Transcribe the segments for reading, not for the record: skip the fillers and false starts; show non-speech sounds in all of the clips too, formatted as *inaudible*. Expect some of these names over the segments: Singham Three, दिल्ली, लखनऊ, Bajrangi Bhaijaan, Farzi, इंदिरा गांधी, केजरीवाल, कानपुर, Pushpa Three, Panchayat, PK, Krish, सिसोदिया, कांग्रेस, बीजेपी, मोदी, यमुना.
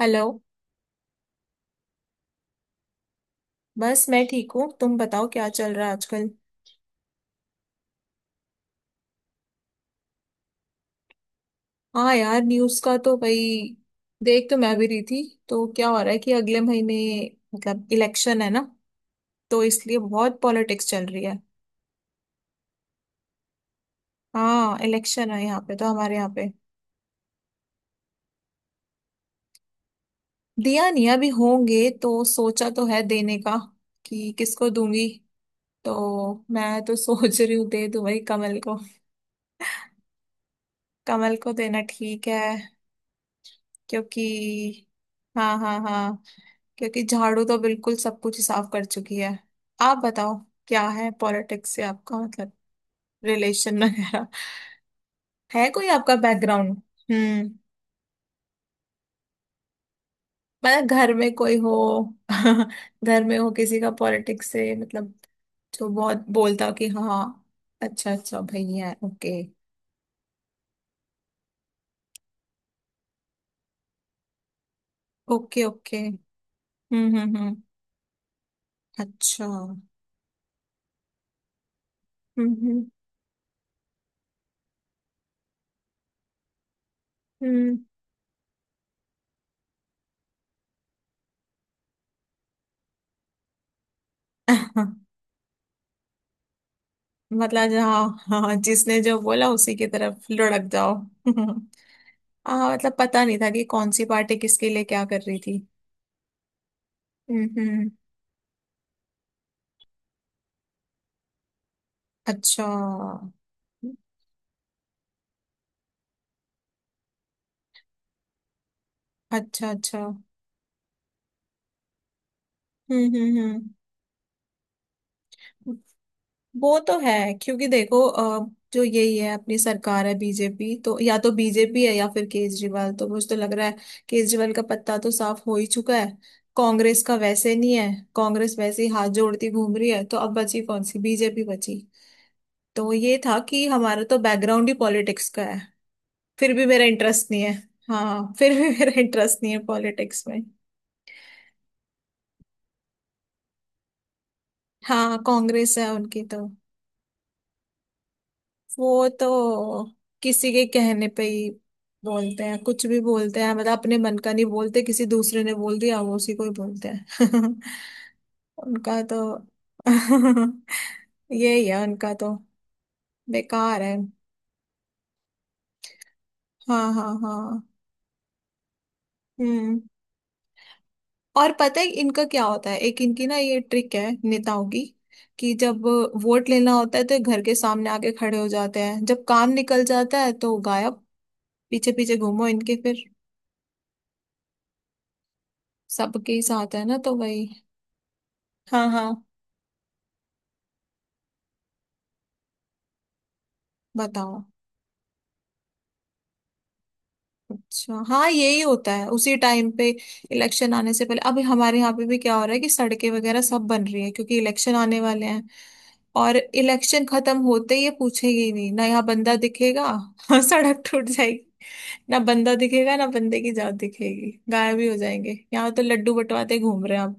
Hello. बस मैं ठीक हूँ, तुम बताओ क्या चल रहा है आजकल। हाँ यार, न्यूज़ का तो भाई देख तो मैं भी रही थी। तो क्या हो रहा है कि अगले महीने मतलब इलेक्शन है ना, तो इसलिए बहुत पॉलिटिक्स चल रही है। हाँ इलेक्शन है यहाँ पे तो, हमारे यहाँ पे। दिया नहीं, अभी होंगे तो सोचा तो है देने का कि किसको दूंगी। तो मैं तो *laughs* सोच रही हूँ दे दूं भाई कमल को। कमल को देना ठीक है, क्योंकि हाँ हाँ हाँ, क्योंकि झाड़ू तो बिल्कुल सब कुछ ही साफ कर चुकी है। आप बताओ, क्या है पॉलिटिक्स से आपका मतलब, रिलेशन वगैरह, है कोई आपका बैकग्राउंड? हम्म। मतलब घर में कोई हो, *laughs* घर में हो किसी का पॉलिटिक्स से मतलब, जो बहुत बोलता हो कि हाँ। अच्छा अच्छा भैया, ओके ओके ओके। हम्म। अच्छा। हम्म हम्म। *laughs* मतलब जहाँ, हाँ जिसने जो बोला उसी की तरफ लुढ़क जाओ। *laughs* हाँ मतलब पता नहीं था कि कौन सी पार्टी किसके लिए क्या कर रही थी। हम्म। अच्छा अच्छा अच्छा। हम्म। वो तो है, क्योंकि देखो जो यही है अपनी सरकार है बीजेपी, तो या तो बीजेपी है या फिर केजरीवाल, तो मुझे तो लग रहा है केजरीवाल का पत्ता तो साफ हो ही चुका है। कांग्रेस का वैसे नहीं है, कांग्रेस वैसे ही हाथ जोड़ती घूम रही है, तो अब बची कौन सी? बीजेपी बची। तो ये था कि हमारा तो बैकग्राउंड ही पॉलिटिक्स का है, फिर भी मेरा इंटरेस्ट नहीं है। हाँ फिर भी मेरा इंटरेस्ट नहीं है पॉलिटिक्स में। हाँ कांग्रेस है उनकी तो। वो तो किसी के कहने पे ही बोलते हैं, कुछ भी बोलते हैं, मतलब अपने मन का नहीं बोलते, किसी दूसरे ने बोल दिया वो उसी को ही बोलते हैं। *laughs* उनका तो *laughs* यही है उनका तो, बेकार है। हाँ हाँ हाँ। हम्म। और पता है इनका क्या होता है? एक इनकी ना ये ट्रिक है नेताओं की, कि जब वोट लेना होता है तो ये घर के सामने आके खड़े हो जाते हैं, जब काम निकल जाता है तो गायब। पीछे पीछे घूमो इनके फिर। सबके ही साथ है ना, तो वही। हाँ हाँ। बताओ। अच्छा हाँ यही होता है, उसी टाइम पे इलेक्शन आने से पहले। अभी हमारे यहाँ पे भी क्या हो रहा है कि सड़कें वगैरह सब बन रही है, क्योंकि इलेक्शन आने वाले हैं। और इलेक्शन खत्म होते ही ये पूछेंगे ही नहीं ना, यहाँ बंदा दिखेगा? *laughs* सड़क टूट जाएगी। ना बंदा दिखेगा ना बंदे की जात दिखेगी, गायब ही हो जाएंगे। यहाँ तो लड्डू बंटवाते घूम रहे हैं आप।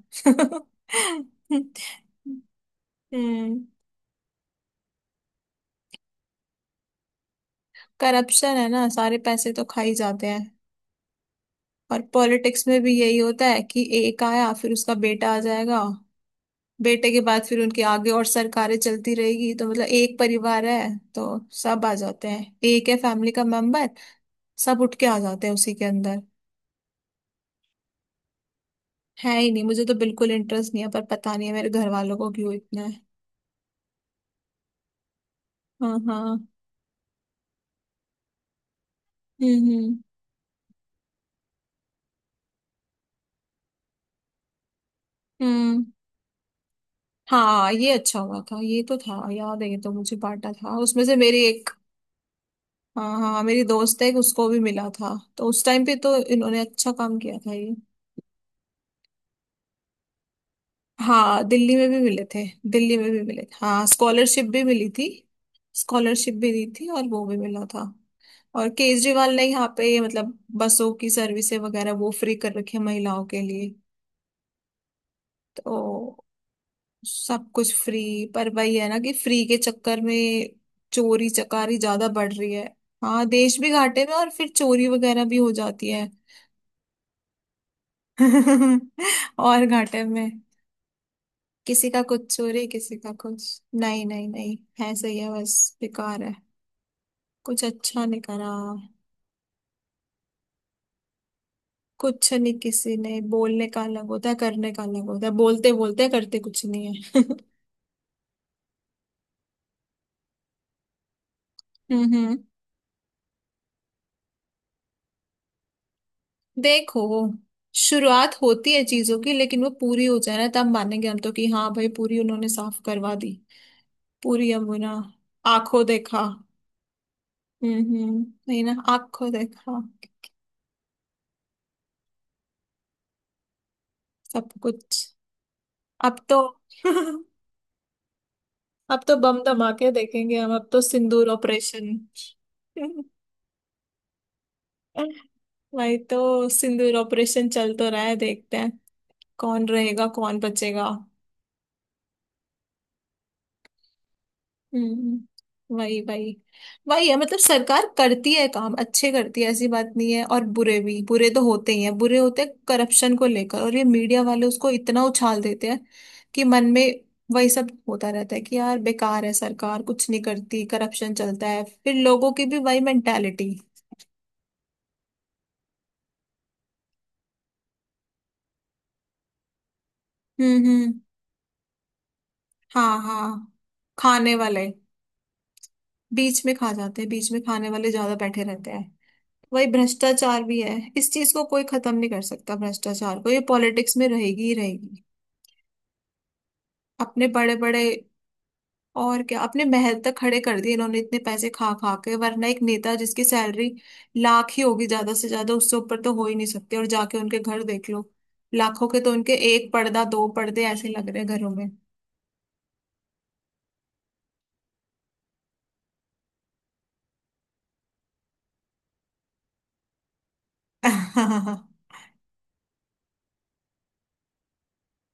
*laughs* हम्म। करप्शन है ना, सारे पैसे तो खा ही जाते हैं। और पॉलिटिक्स में भी यही होता है कि एक आया, फिर उसका बेटा आ जाएगा, बेटे के बाद फिर उनके आगे और सरकारें चलती रहेगी, तो मतलब एक परिवार है। तो सब आ जाते हैं, एक है फैमिली का मेंबर, सब उठ के आ जाते हैं उसी के अंदर। है ही नहीं, मुझे तो बिल्कुल इंटरेस्ट नहीं है, पर पता नहीं है मेरे घर वालों को क्यों इतना है। हाँ हाँ। हम्म हम्म हम्म। हाँ ये अच्छा हुआ था, ये तो था, याद है ये तो, मुझे बांटा था उसमें से, मेरी एक। हाँ हाँ मेरी दोस्त है एक, उसको भी मिला था, तो उस टाइम पे तो इन्होंने अच्छा काम किया था ये। हाँ दिल्ली में भी मिले थे। दिल्ली में भी मिले थे हाँ, स्कॉलरशिप भी मिली थी। स्कॉलरशिप भी दी थी और वो भी मिला था। और केजरीवाल ने यहाँ पे मतलब बसों की सर्विसेज वगैरह वो फ्री कर रखी है महिलाओं के लिए, तो सब कुछ फ्री। पर वही है ना कि फ्री के चक्कर में चोरी चकारी ज्यादा बढ़ रही है। हाँ देश भी घाटे में, और फिर चोरी वगैरह भी हो जाती है। *laughs* और घाटे में। किसी का कुछ चोरी, किसी का कुछ, नहीं नहीं नहीं, ऐसे ही है बस, बेकार है, कुछ अच्छा नहीं करा। कुछ नहीं, किसी ने, बोलने का अलग होता है करने का अलग होता है, बोलते बोलते करते कुछ नहीं है। *laughs* हम्म हम्म। देखो शुरुआत होती है चीजों की, लेकिन वो पूरी हो जाए ना तब मानेंगे हम तो, कि हाँ भाई पूरी उन्होंने साफ करवा दी पूरी यमुना। आंखों देखा। हम्म। नहीं ना, आंखों देखा सब कुछ। अब तो *laughs* अब तो बम धमाके देखेंगे हम, अब तो सिंदूर ऑपरेशन। *laughs* भाई तो सिंदूर ऑपरेशन चल तो रहा है, देखते हैं कौन रहेगा कौन बचेगा। हम्म वही वही। वही है, मतलब सरकार करती है काम, अच्छे करती है, ऐसी बात नहीं है। और बुरे भी, बुरे तो होते ही हैं, बुरे होते हैं करप्शन को लेकर, और ये मीडिया वाले उसको इतना उछाल देते हैं कि मन में वही सब होता रहता है कि यार बेकार है सरकार, कुछ नहीं करती, करप्शन चलता है, फिर लोगों की भी वही मेंटेलिटी। हम्म हम्म। हाँ हाँ, खाने वाले बीच में खा जाते हैं, बीच में खाने वाले ज्यादा बैठे रहते हैं। वही भ्रष्टाचार भी है, इस चीज को कोई खत्म नहीं कर सकता, भ्रष्टाचार को, ये पॉलिटिक्स में रहेगी ही रहेगी। अपने बड़े बड़े, और क्या, अपने महल तक खड़े कर दिए इन्होंने इतने पैसे खा खा के। वरना एक नेता जिसकी सैलरी लाख ही होगी ज्यादा से ज्यादा, उससे ऊपर तो हो ही नहीं सकते, और जाके उनके घर देख लो, लाखों के तो उनके एक पर्दा, दो पर्दे ऐसे लग रहे हैं घरों में। *laughs* हाँ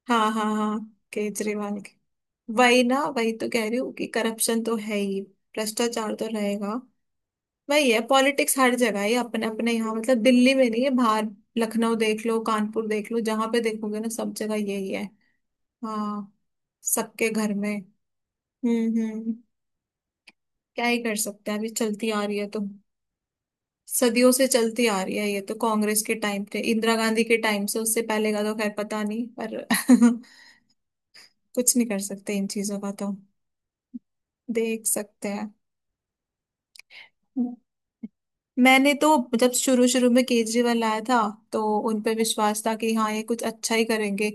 हाँ हाँ। केजरीवाल। वही ना, वही तो कह रही हूँ कि करप्शन तो है ही, भ्रष्टाचार तो रहेगा, वही है पॉलिटिक्स हर जगह है, अपने अपने यहाँ मतलब दिल्ली में नहीं है बाहर, लखनऊ देख लो, कानपुर देख लो, जहां पे देखोगे ना सब जगह यही है। हाँ सबके घर में। हम्म। क्या ही कर सकते हैं, अभी चलती आ रही है तो, सदियों से चलती आ रही है ये तो, कांग्रेस के टाइम से, इंदिरा गांधी के टाइम से, उससे पहले का तो खैर पता नहीं पर। *laughs* कुछ नहीं कर सकते इन चीजों का तो, देख सकते हैं। मैंने तो जब शुरू शुरू में केजरीवाल आया था तो उन पे विश्वास था कि हाँ ये कुछ अच्छा ही करेंगे,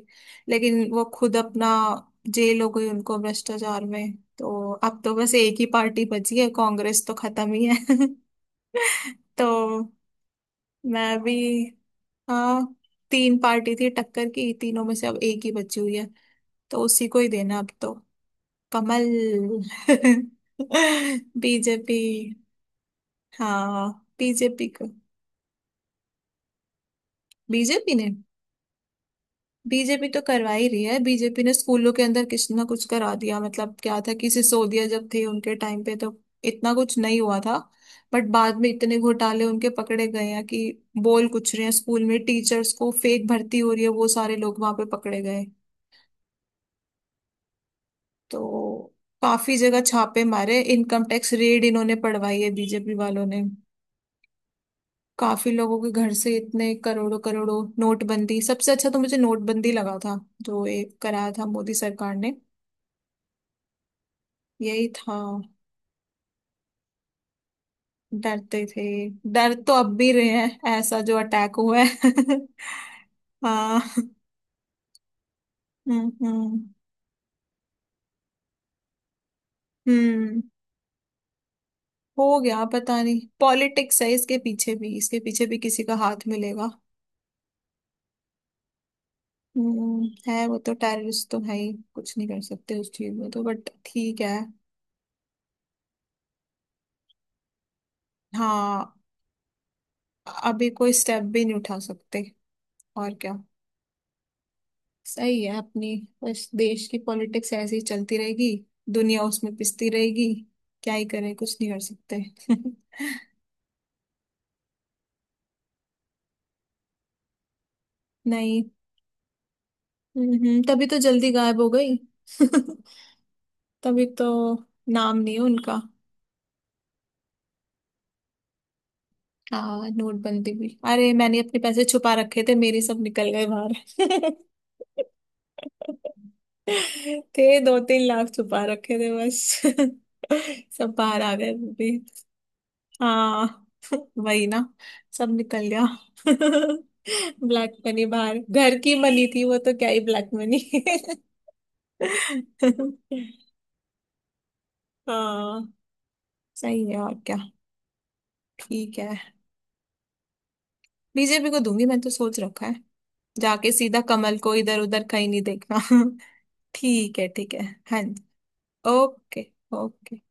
लेकिन वो खुद अपना जेल हो गई उनको भ्रष्टाचार में, तो अब तो बस एक ही पार्टी बची है, कांग्रेस तो खत्म ही है। *laughs* तो मैं भी, हाँ तीन पार्टी थी टक्कर की, तीनों में से अब एक ही बची हुई है, तो उसी को ही देना अब तो। कमल। *laughs* बीजेपी। हाँ बीजेपी को। बीजेपी ने, बीजेपी तो करवा ही रही है, बीजेपी ने स्कूलों के अंदर कुछ ना कुछ करा दिया। मतलब क्या था कि सिसोदिया जब थे उनके टाइम पे तो इतना कुछ नहीं हुआ था, बट बाद में इतने घोटाले उनके पकड़े गए हैं कि बोल कुछ रहे हैं, स्कूल में टीचर्स को फेक भर्ती हो रही है, वो सारे लोग वहां पे पकड़े गए। तो काफी जगह छापे मारे, इनकम टैक्स रेड इन्होंने पड़वाई है बीजेपी वालों ने, काफी लोगों के घर से इतने करोड़ों करोड़ों। नोटबंदी सबसे अच्छा तो मुझे नोटबंदी लगा था जो ये कराया था मोदी सरकार ने। यही था, डरते थे, डर तो अब भी रहे हैं, ऐसा जो अटैक हुआ है। *laughs* हाँ। हम्म हम्म हम्म। हो गया, पता नहीं, पॉलिटिक्स है इसके पीछे भी, इसके पीछे भी किसी का हाथ मिलेगा। हम्म, है वो तो, टेररिस्ट तो है ही, कुछ नहीं कर सकते उस चीज में तो, बट ठीक है। हाँ अभी कोई स्टेप भी नहीं उठा सकते, और क्या। सही है अपनी, बस देश की पॉलिटिक्स ऐसे ही चलती रहेगी, दुनिया उसमें पिसती रहेगी, क्या ही करें, कुछ नहीं कर सकते। *laughs* नहीं। तभी तो जल्दी गायब हो गई। *laughs* तभी तो नाम नहीं है उनका। हाँ नोटबंदी भी, अरे मैंने अपने पैसे छुपा रखे थे, मेरे सब निकल गए बाहर। *laughs* थे 2-3 लाख छुपा रखे थे बस। *laughs* सब बाहर आ गए वो भी। हाँ *laughs* वही ना, सब निकल गया। *laughs* ब्लैक मनी बाहर, घर की मनी थी वो तो, क्या ही ब्लैक मनी। *laughs* हाँ सही है, और क्या, ठीक है। बीजेपी को दूंगी, मैं तो सोच रखा है, जाके सीधा कमल को, इधर उधर कहीं नहीं देखना। *laughs* ठीक है ठीक है। हाँ जी। ओके। ओके।